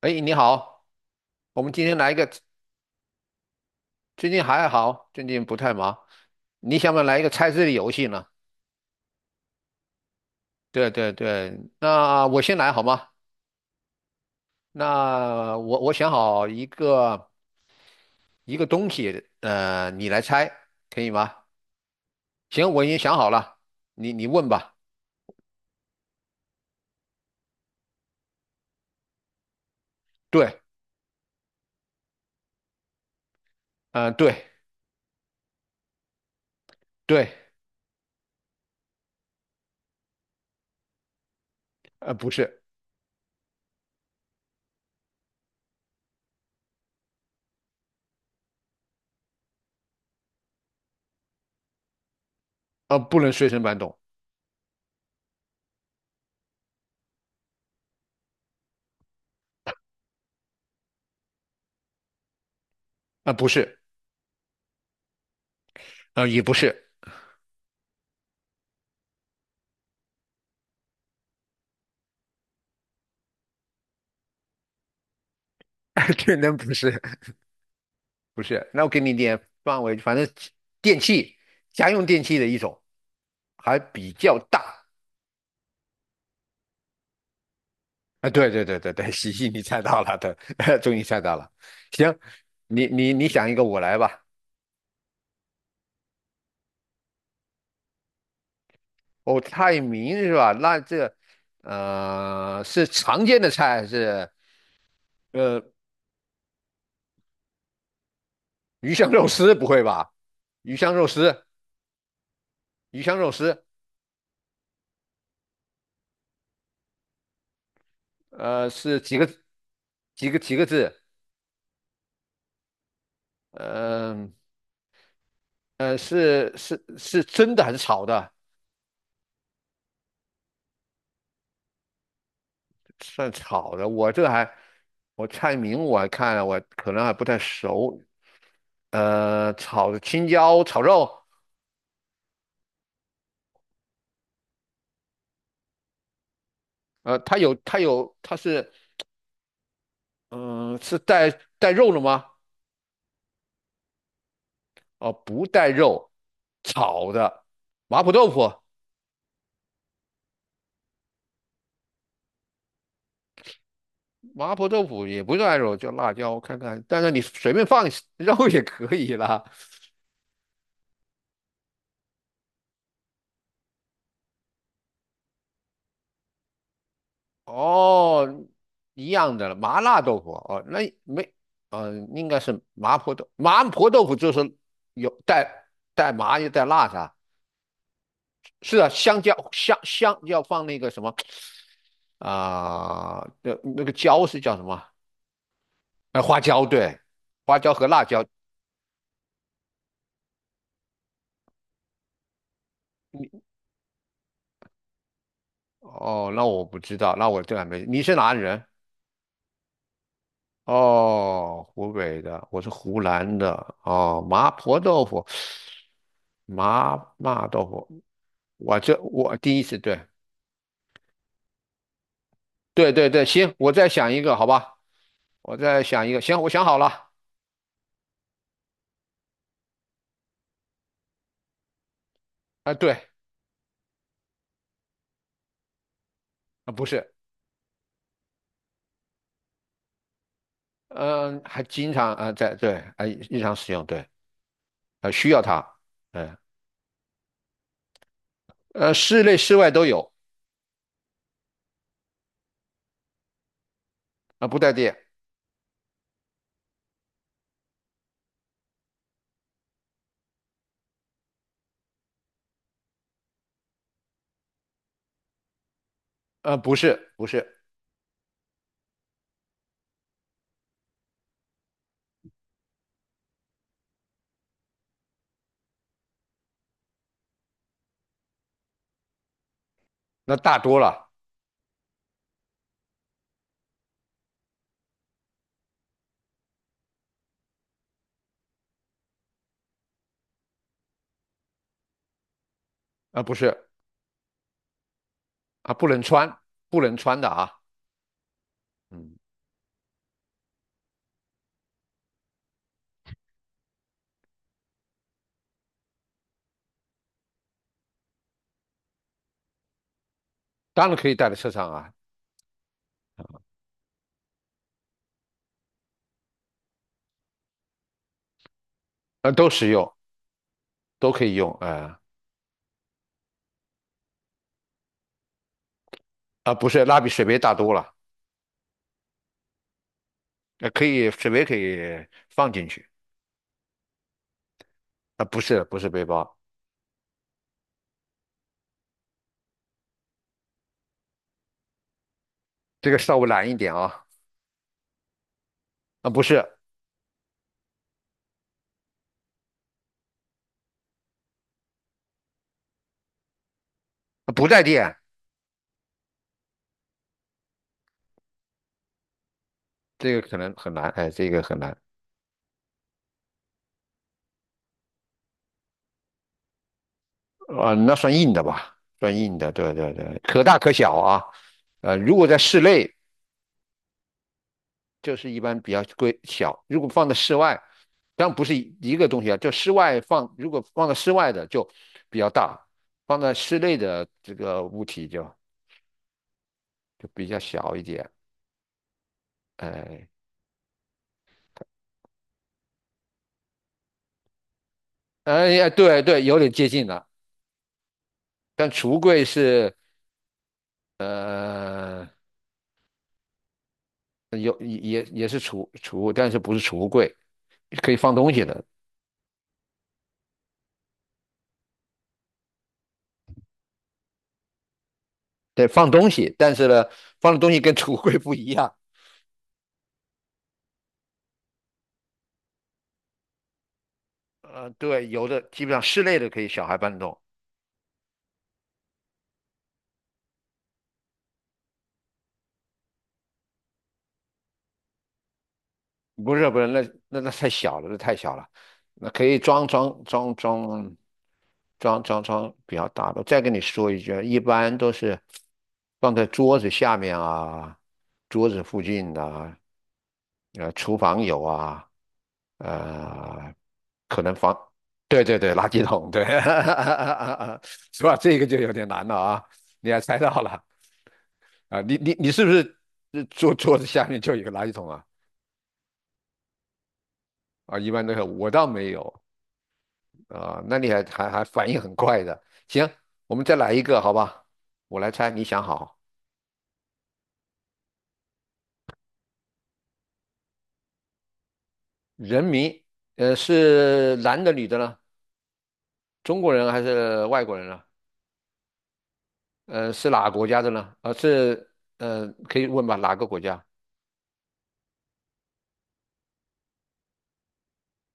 哎，你好，我们今天来一个，最近还好，最近不太忙。你想不想来一个猜字的游戏呢？对对对，那我先来好吗？那我想好一个东西，你来猜，可以吗？行，我已经想好了，你问吧。对，对对，不是，不能随身搬动，不是，也不是，天能不是，不是。那我给你点范围，反正电器，家用电器的一种。还比较大啊，对对对对对，喜你猜到了，对，终于猜到了。行，你想一个，我来吧。哦，菜名是吧？那这是常见的菜还是呃鱼香肉丝？不会吧？鱼香肉丝，鱼香肉丝，是几个字？嗯，是是真的还是炒的？算炒的，我菜名我还看了，我可能还不太熟。炒青椒炒肉，它是嗯、是带肉的吗？哦、不带肉，炒的麻婆豆腐，麻婆豆腐也不算肉，就辣椒我看看，但是你随便放 肉也可以啦。哦，一样的了麻辣豆腐哦，那没，嗯，应该是麻婆豆腐就是有带麻又带辣的，是啊，香蕉香香要放那个什么。啊、那个椒是叫什么？花椒对，花椒和辣椒。你哦，那我不知道，那我这还没。你是哪里人？哦，湖北的，我是湖南的。哦，麻婆豆腐，麻豆腐，我第一次对，对对对，行，我再想一个，好吧，我再想一个，行，我想好了。啊，对，啊不是，嗯，还经常啊在对，啊日常使用，对，啊需要它，嗯，室内室外都有啊、不带电啊，不是不是，那大多了啊、不是啊，不能穿，不能穿的啊，嗯，当然可以带在车上啊，都实用，都可以用，啊。啊，不是，那比水杯大多了，可以水杯可以放进去，啊、不是不是背包，这个稍微难一点啊，啊、不是，啊不带电，这个可能很难，哎，这个很难，啊、那算硬的吧，算硬的，对对对，可大可小啊，如果在室内。就是一般比较规小。如果放在室外，当然不是一个东西啊，就室外放，如果放在室外的就比较大，放在室内的这个物体就比较小一点。哎哎呀，对对，有点接近了。但橱柜是呃有也是储物，但是不是储物柜，可以放东西的。对，放东西，但是呢，放的东西跟 储物柜不一样。对，有的基本上室内的可以小孩搬动，不是不是，那太小了，那太小了，那可以装比较大的。再跟你说一句啊，一般都是放在桌子下面啊，桌子附近啊，厨房有啊，呃，可能房，对对对，垃圾桶，对，是吧？这个就有点难了啊，你还猜到了啊？你是不是桌子下面就有一个垃圾桶啊？啊，一般都是我倒没有啊、那你还反应很快的。行，我们再来一个，好吧？我来猜，你想好，人名，是男的女的呢？中国人还是外国人呢？是哪个国家的呢？可以问吧？哪个国家？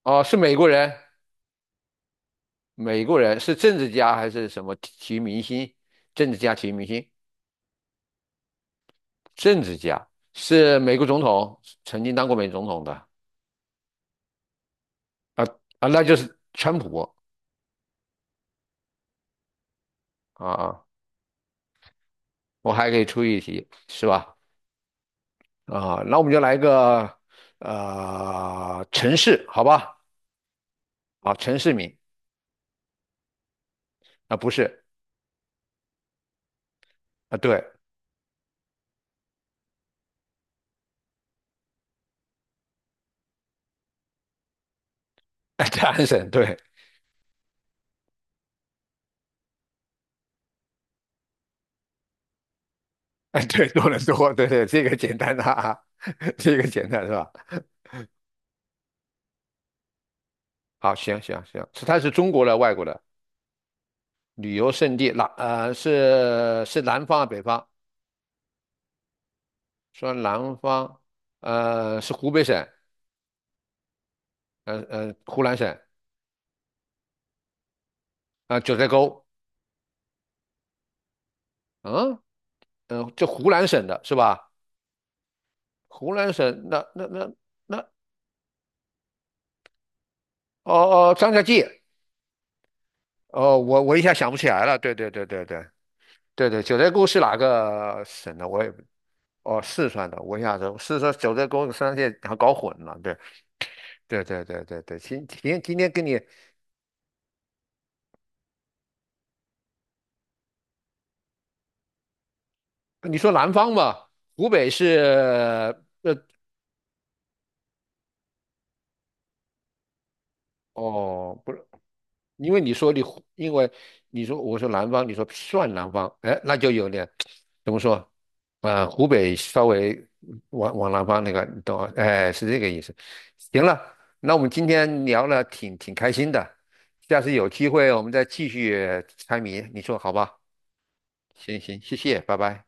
哦，是美国人，美国人是政治家还是什么体育明星？政治家、体育明星，政治家是美国总统，曾经当过美国总统的啊啊，那就是川普啊啊，我还可以出一题，是吧？啊，那我们就来个城市，好吧？啊，城市名啊，不是啊，对，在安省，对，哎，对，多伦多，对对，这个简单的啊，这个简单是吧？好，行行行，是它是中国的、外国的旅游胜地，是南方啊，北方？说南方，是湖北省，湖南省啊、九寨沟，嗯嗯，就湖南省的是吧？湖南省那哦哦，张家界哦，我一下想不起来了。对对对对对对对，九寨沟是哪个省的？我也不哦，四川的。我一下子四川九寨沟三线还搞混了。对对对对对对，今天跟你说南方吧，湖北是哦，不因为你说你，因为你说我说南方，你说算南方，哎，那就有点怎么说？啊、湖北稍微往南方那个，你懂啊？哎，是这个意思。行了，那我们今天聊了挺开心的，下次有机会我们再继续猜谜，你说好吧？行行，谢谢，拜拜。